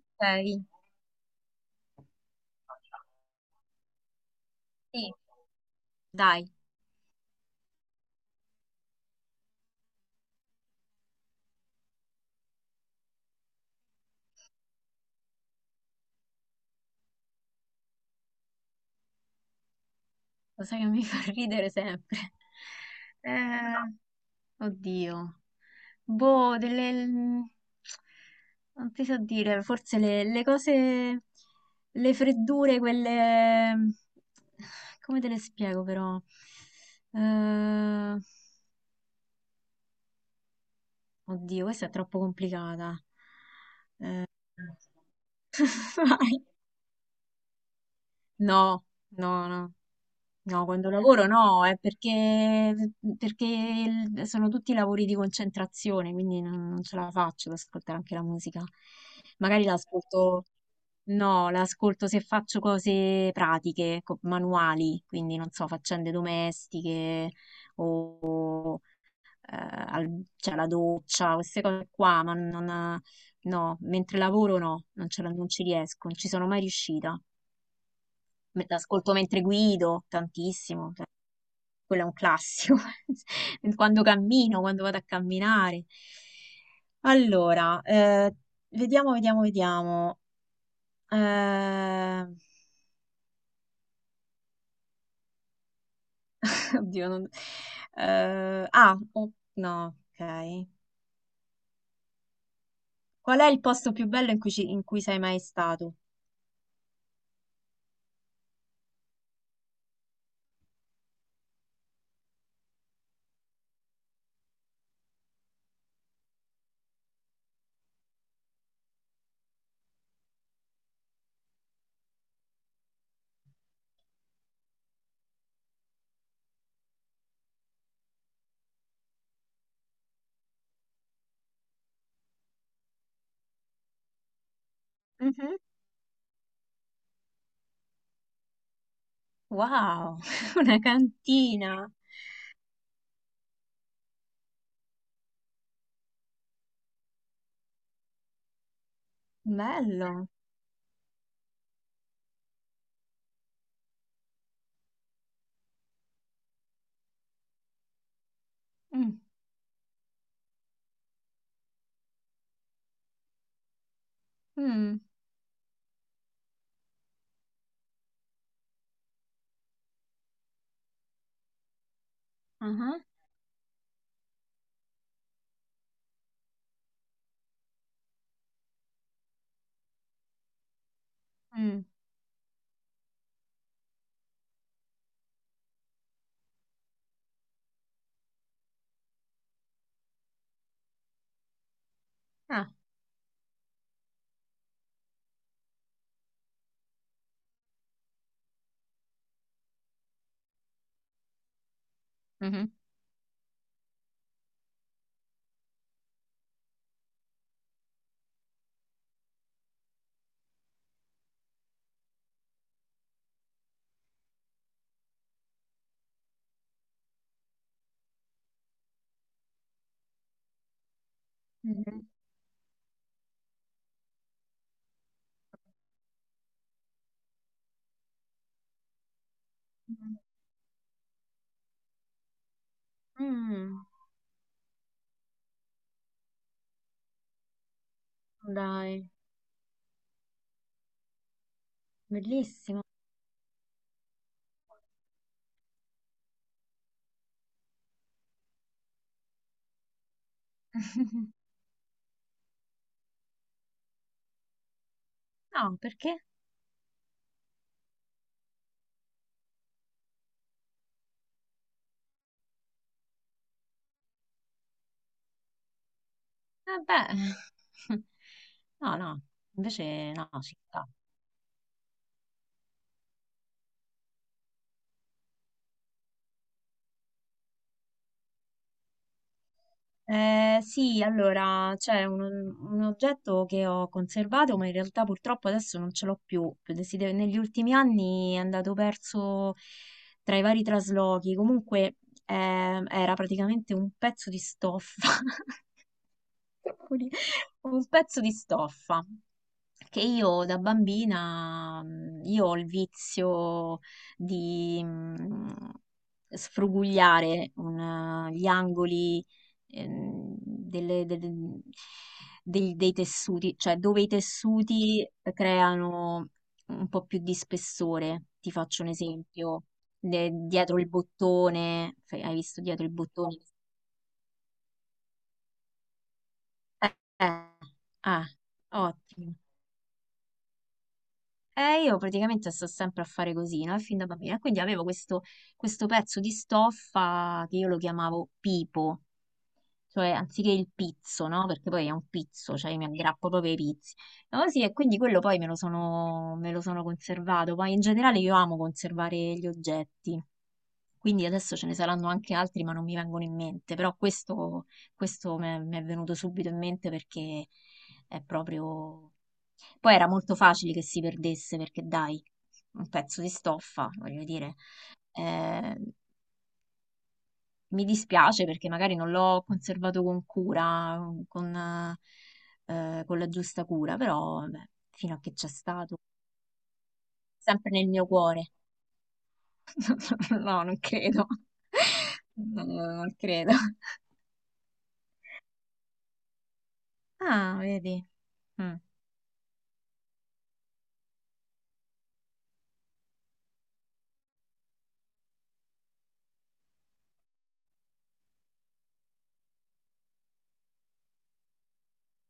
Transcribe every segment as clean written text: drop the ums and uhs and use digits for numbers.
Ok, sì, dai, lo sai che mi fa ridere sempre. Eh, Oddio. Boh, delle... Non ti so dire, forse le cose... Le freddure, quelle... Come te le spiego però? Eh, Oddio, questa è troppo complicata. Vai. No, no, no. No, quando lavoro no, è perché sono tutti lavori di concentrazione, quindi non ce la faccio ad ascoltare anche la musica. Magari no, l'ascolto se faccio cose pratiche, manuali, quindi non so, faccende domestiche o cioè, la doccia, queste cose qua, ma non, no, mentre lavoro no, non ce la- non ci riesco, non ci sono mai riuscita. L'ascolto mentre guido, tantissimo. Cioè quello è un classico, quando cammino, quando vado a camminare. Allora, vediamo, vediamo. Eh, oddio, non... oh, no, ok. Qual è il posto più bello in cui, in cui sei mai stato? Mhm. Wow, una cantina. Bello. Mm, mm, aha, mm. Ah, mhm, mhm, mhm. Mm, dai, bellissimo. No, perché? Eh beh, no, no, invece no, ci sta. Sì, allora c'è un oggetto che ho conservato, ma in realtà purtroppo adesso non ce l'ho più. Negli ultimi anni è andato perso tra i vari traslochi. Comunque era praticamente un pezzo di stoffa, troppo lì, un pezzo di stoffa, che io da bambina, io ho il vizio di sfrugugliare gli angoli ehm, delle- delle- dei tessuti, cioè dove i tessuti creano un po' più di spessore. Ti faccio un esempio, dietro il bottone, hai visto dietro il bottone? Eh, eh, ah, ottimo. E io praticamente sto sempre a fare così, no? Fin da bambina. Quindi avevo questo pezzo di stoffa che io lo chiamavo pipo, cioè anziché il pizzo, no? Perché poi è un pizzo, cioè io mi aggrappo proprio ai pizzi. No, sì, e quindi quello poi me lo sono conservato. Poi in generale io amo conservare gli oggetti, quindi adesso ce ne saranno anche altri, ma non mi vengono in mente. Però questo mi è venuto subito in mente perché è proprio... Poi era molto facile che si perdesse perché dai, un pezzo di stoffa, voglio dire. Eh, mi dispiace perché magari non l'ho conservato con cura, con, con la giusta cura, però beh, fino a che c'è stato, sempre nel mio cuore. No, non credo. No, no, no, non credo. Ah, vedi. Mm.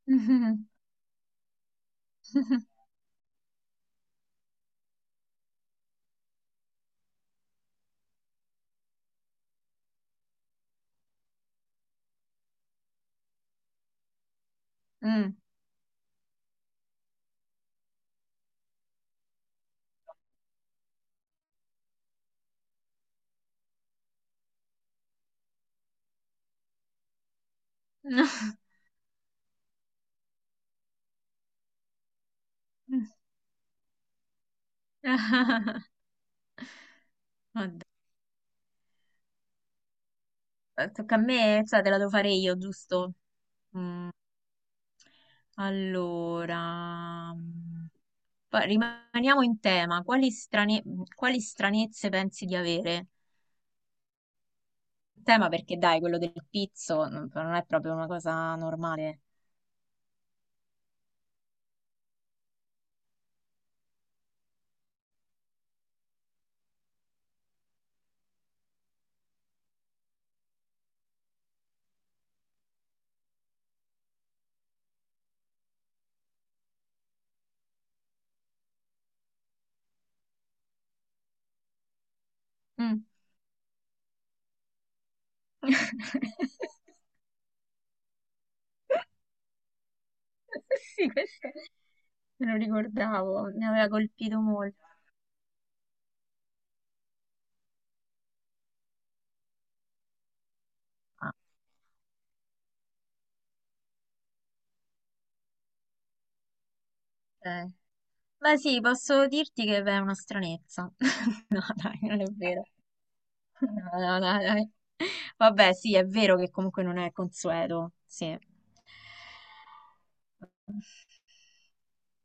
Mhm. Mm. Oddio. Tocca a me, cioè te la devo fare io, giusto? Mm, allora, rimaniamo in tema. Quali stranezze pensi di avere? Tema perché dai, quello del pizzo non è proprio una cosa normale. Mm. Sì, questo me lo ricordavo, mi aveva colpito molto. Ah, ok. Beh sì, posso dirti che beh, è una stranezza. No, dai, non è vero. No, no, no, dai. Vabbè, sì, è vero che comunque non è consueto, sì.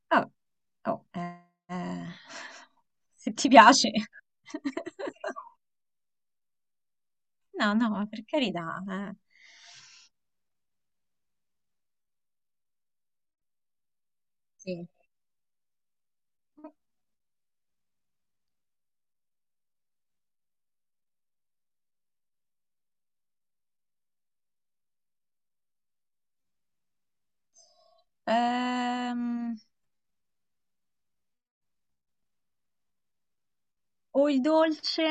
Vabbè. Oh, se ti piace. No, no, per carità. Eh. Sì. Ehm, o il dolce,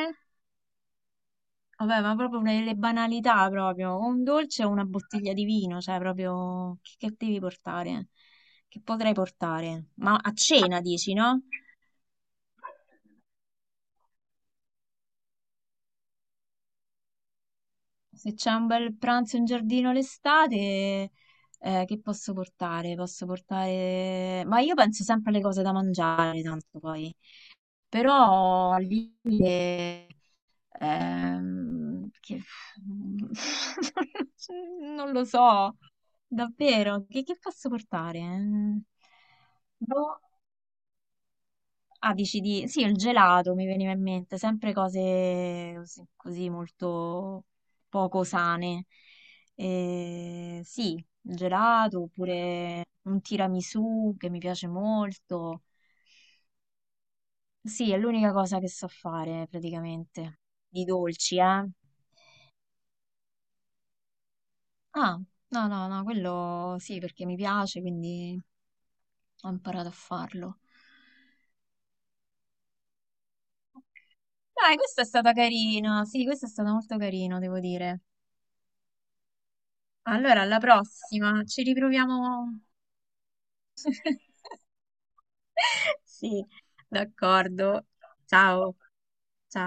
vabbè, ma proprio una delle banalità proprio, o un dolce o una bottiglia di vino, cioè proprio che devi portare? Che potrei portare? Ma a cena dici, no? Se c'è un bel pranzo in giardino l'estate, che posso portare? Posso portare... Ma io penso sempre alle cose da mangiare, tanto poi. Però al limite... che... Non lo so, davvero, che posso portare? Mm, boh. Ah, dici di... Sì, il gelato mi veniva in mente, sempre così molto poco sane. Sì, il gelato oppure un tiramisù che mi piace molto. Sì, è l'unica cosa che so fare praticamente. Di dolci, eh? Ah, no, no, no, quello sì, perché mi piace, quindi ho imparato a farlo. Dai, questa è stata carina. Sì, questa è stata molto carina, devo dire. Allora, alla prossima, ci riproviamo. Sì, d'accordo. Ciao. Ciao.